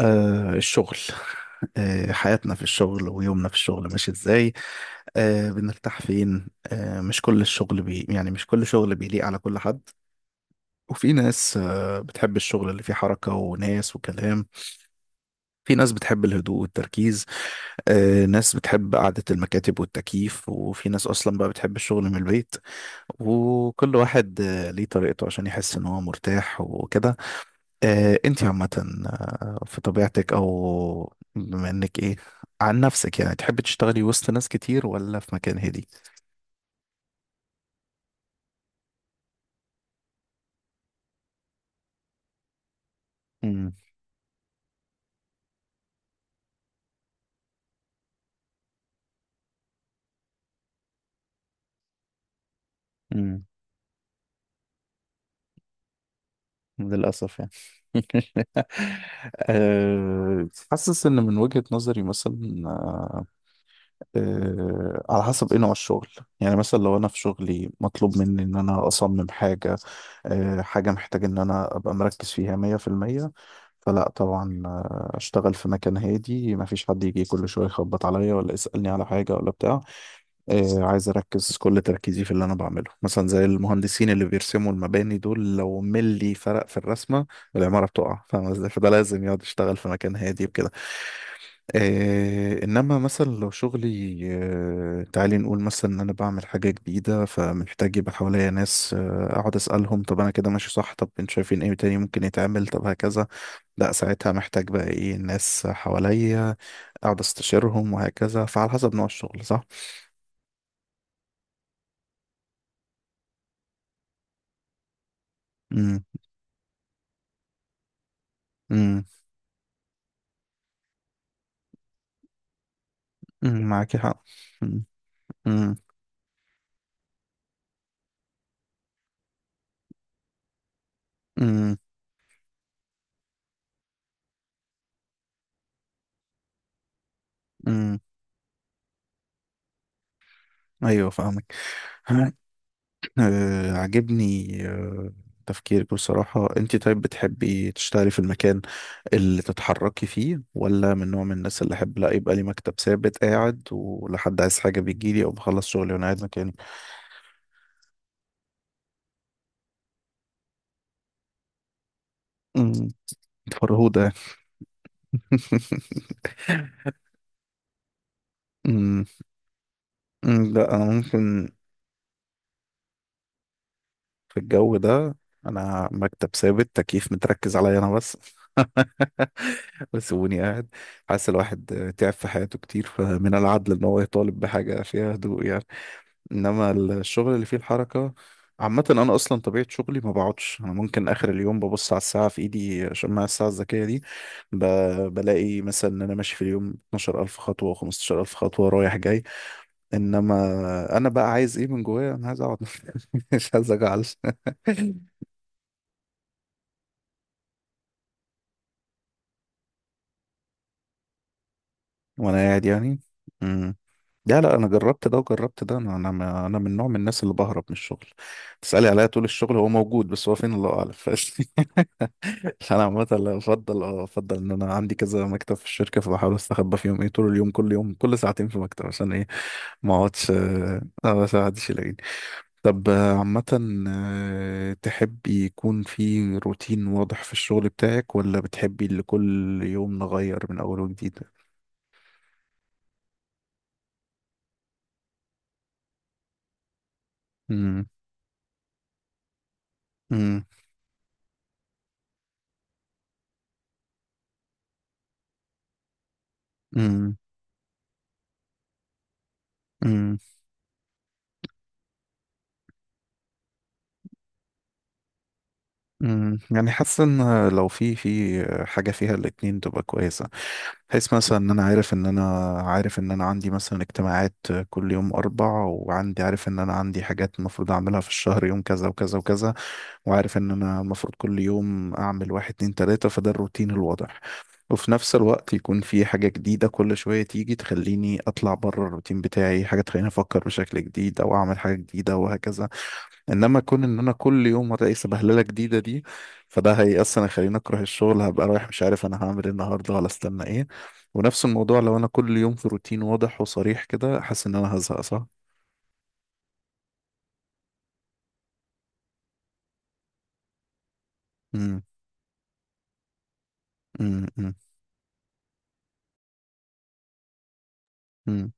الشغل حياتنا في الشغل، ويومنا في الشغل ماشي ازاي؟ بنرتاح فين؟ مش كل الشغل بي، يعني مش كل شغل بيليق على كل حد. وفي ناس بتحب الشغل اللي فيه حركة وناس وكلام. في ناس بتحب الهدوء والتركيز. ناس بتحب قعدة المكاتب والتكييف، وفي ناس أصلا بقى بتحب الشغل من البيت. وكل واحد ليه طريقته عشان يحس إن هو مرتاح وكده. انتي عامة، طب في طبيعتك او بما انك ايه، عن نفسك يعني، تحب تشتغلي وسط ناس كتير ولا في مكان هادي؟ امم. امم. للأسف يعني. حاسس إن من وجهة نظري مثلا، على حسب ايه نوع الشغل. يعني مثلا لو انا في شغلي مطلوب مني ان انا اصمم حاجة، حاجة محتاج ان انا ابقى مركز فيها مية في المية، فلا طبعا، اشتغل في مكان هادي، مفيش حد يجي كل شوية يخبط عليا ولا يسألني على حاجة ولا بتاع. عايز اركز كل تركيزي في اللي انا بعمله، مثلا زي المهندسين اللي بيرسموا المباني دول، لو ملي فرق في الرسمة العمارة بتقع، فاهم ازاي؟ فده لازم يقعد يشتغل في مكان هادي بكده. انما مثلا لو شغلي، تعالي نقول مثلا ان انا بعمل حاجه جديده، فمحتاج يبقى حواليا ناس، اقعد اسالهم، طب انا كده ماشي صح؟ طب انتوا شايفين ايه تاني ممكن يتعمل؟ طب هكذا. لا، ساعتها محتاج بقى ايه، ناس حواليا اقعد استشيرهم وهكذا. فعلى حسب نوع الشغل، صح. امم. امم. أمم، معاكي حق. امم. امم. امم. أمم. ايوه فاهمك. عجبني تفكيرك بصراحة. انت طيب بتحبي تشتغلي في المكان اللي تتحركي فيه، ولا من نوع من الناس اللي احب لا، يبقى لي مكتب ثابت قاعد، ولحد عايز حاجة بيجيلي، او بخلص شغلي وانا قاعد مكاني؟ أمم، فرهودة. أمم. أمم، لا انا ممكن في الجو ده، انا مكتب ثابت، تكييف متركز عليا انا بس. وسيبوني قاعد. حاسس الواحد تعب في حياته كتير، فمن العدل ان هو يطالب بحاجة فيها هدوء يعني. انما الشغل اللي فيه الحركة، عامة انا اصلا طبيعة شغلي ما بقعدش. انا ممكن اخر اليوم ببص على الساعة في ايدي، شماعة الساعة الذكية دي، ب... بلاقي مثلا ان انا ماشي في اليوم 12000 خطوة و15000 خطوة رايح جاي. انما انا بقى عايز ايه من جوايا؟ انا عايز اقعد. مش عايز اجعل. وانا قاعد يعني. امم. لا لا، انا جربت ده وجربت ده. انا انا ما- انا من نوع من الناس اللي بهرب من الشغل، تسالي عليا طول الشغل، هو موجود، بس هو فين الله اعلم. انا عامه لا، افضل، افضل ان انا عندي كذا مكتب في الشركه، فبحاول استخبى فيهم ايه طول اليوم. كل يوم كل ساعتين في مكتب، عشان ايه؟ ما اقعدش، بس ما حدش يلاقيني. طب عامه، تحبي يكون في روتين واضح في الشغل بتاعك، ولا بتحبي اللي كل يوم نغير من اول وجديد؟ امم. امم. امم. امم. يعني حاسس ان لو في حاجه فيها الاتنين تبقى كويسه، بحيث مثلا ان انا، عارف ان انا عندي مثلا اجتماعات كل يوم اربع، وعندي، عارف ان انا عندي حاجات المفروض اعملها في الشهر يوم كذا وكذا وكذا، وعارف ان انا المفروض كل يوم اعمل واحد اتنين تلاته، فده الروتين الواضح. وفي نفس الوقت يكون في حاجة جديدة كل شوية تيجي تخليني أطلع بره الروتين بتاعي، حاجة تخليني أفكر بشكل جديد، أو أعمل حاجة جديدة وهكذا. انما كون ان انا كل يوم الاقي سبهلله جديده دي، فده هي اصلا يخليني اكره الشغل. هبقى رايح مش عارف انا هعمل ايه النهارده ولا استنى ايه. ونفس الموضوع، لو انا كل يوم في روتين واضح وصريح كده، حاسس ان انا هزهق، صح؟ امم. امم. امم.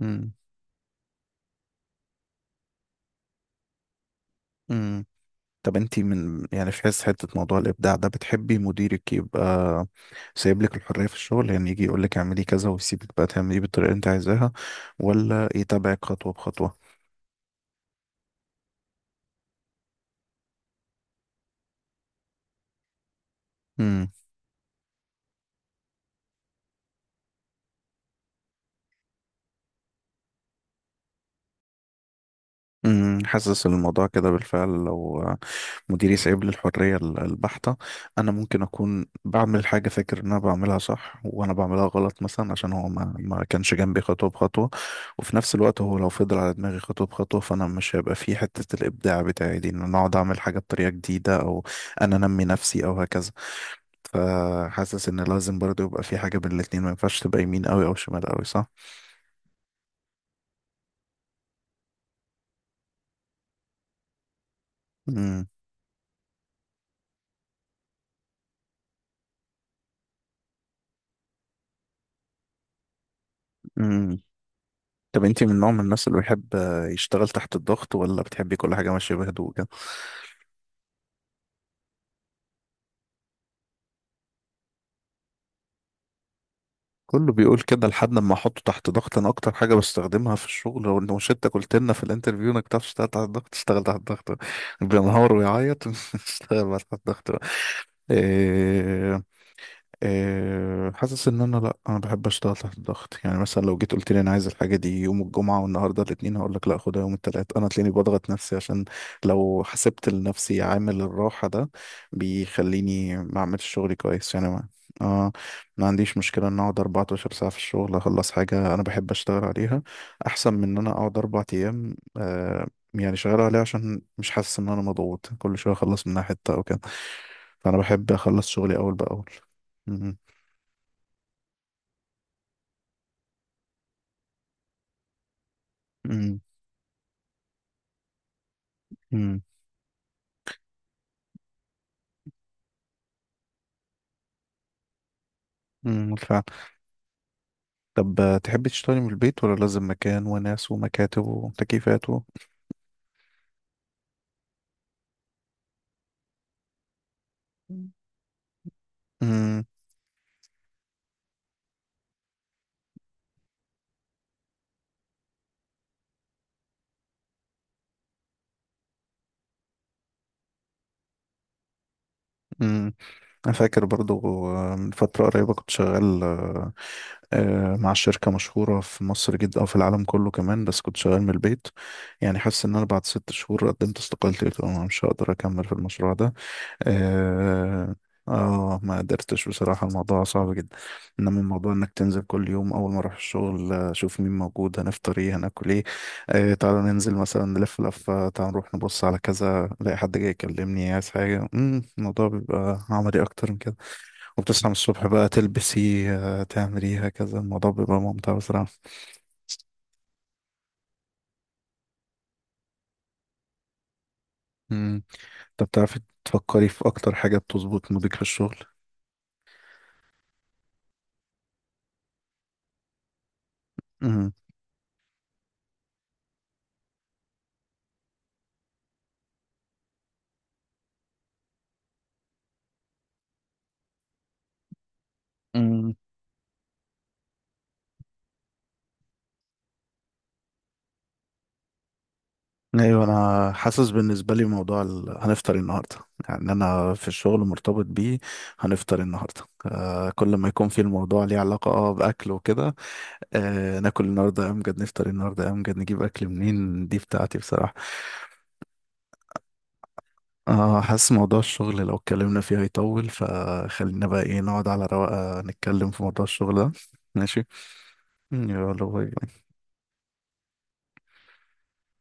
امم. امم. طب انتي من، يعني في حس حته موضوع الابداع ده، بتحبي مديرك يبقى سايب لك الحريه في الشغل، يعني يجي يقول لك اعملي كذا ويسيبك بقى تعملي إيه بالطريقه اللي انت عايزاها، ولا يتابعك خطوه بخطوه؟ أمم، حاسس إن الموضوع كده بالفعل. لو مديري سايب لي الحرية البحتة، أنا ممكن أكون بعمل حاجة فاكر إن أنا بعملها صح وأنا بعملها غلط، مثلا عشان هو ما كانش جنبي خطوة بخطوة. وفي نفس الوقت هو لو فضل على دماغي خطوة بخطوة، فأنا مش هيبقى فيه حتة الإبداع بتاعي دي، إن أنا أقعد أعمل حاجة بطريقة جديدة أو أنا أنمي نفسي أو هكذا. فحاسس إن لازم برضه يبقى في حاجة بين الاتنين، ما ينفعش تبقى يمين أوي أو شمال أوي، صح؟ أمم. طب انت من نوع من الناس اللي بيحب يشتغل تحت الضغط، ولا بتحبي كل حاجة ماشية بهدوء كده؟ كله بيقول كده لحد ما احطه تحت ضغط. انا اكتر حاجة بستخدمها في الشغل، هو انه شتى قلت لنا في الانترفيو انك تعرف تشتغل تحت الضغط، تشتغل تحت الضغط بينهار ويعيط. اشتغل بقى تحت الضغط بقى. إيه، حاسس ان انا، لا، انا بحب اشتغل تحت الضغط. يعني مثلا لو جيت قلت لي انا عايز الحاجه دي يوم الجمعه والنهارده الاثنين، هقول لك لا، خدها يوم الثلاث. انا تلاقيني بضغط نفسي، عشان لو حسبت لنفسي عامل الراحه ده، بيخليني ما اعملش شغلي كويس. يعني ما، اه ما عنديش مشكله ان اقعد 14 ساعه في الشغل اخلص حاجه انا بحب اشتغل عليها، احسن من ان انا اقعد اربع ايام يعني شغال عليها، عشان مش حاسس ان انا مضغوط. كل شويه اخلص منها حته او كده، فانا بحب اخلص شغلي اول باول. امم. امم. امم، بالفعل. طب تحبي تشتغلي من البيت، ولا لازم مكان وناس ومكاتب وتكييفات و...؟ امم. امم. انا فاكر برضو، من فترة قريبة كنت شغال، مع شركة مشهورة في مصر جدا، او في العالم كله كمان، بس كنت شغال من البيت. يعني حاسس ان انا بعد ست شهور قدمت استقالتي، قلت أنا مش هقدر اكمل في المشروع ده. اه. ما قدرتش بصراحة، الموضوع صعب جدا. انما الموضوع انك تنزل كل يوم، اول ما اروح الشغل اشوف مين موجود، هنفطر ايه، هناكل ايه، تعالوا ننزل مثلا نلف لفة، تعالوا نروح نبص على كذا، الاقي حد جاي يكلمني عايز حاجة، الموضوع بيبقى عملي اكتر من كده. وبتصحى من الصبح بقى، تلبسي تعملي هكذا، الموضوع بيبقى ممتع بصراحة. مم. طب بتعرفي تفكري في اكتر حاجة بتظبط مودك في الشغل؟ مم. مم. ايوه انا حاسس، بالنسبه لي موضوع هنفطر إيه النهارده، يعني انا في الشغل مرتبط بيه، هنفطر إيه النهارده. كل ما يكون في الموضوع ليه علاقه باكل وكده. ناكل النهارده إيه امجد، نفطر إيه النهارده إيه امجد، نجيب اكل منين، دي بتاعتي بصراحه. اه حاسس موضوع الشغل لو اتكلمنا فيه هيطول، فخلينا بقى ايه، نقعد على رواقه نتكلم في موضوع الشغل ده. ماشي، يلا باي.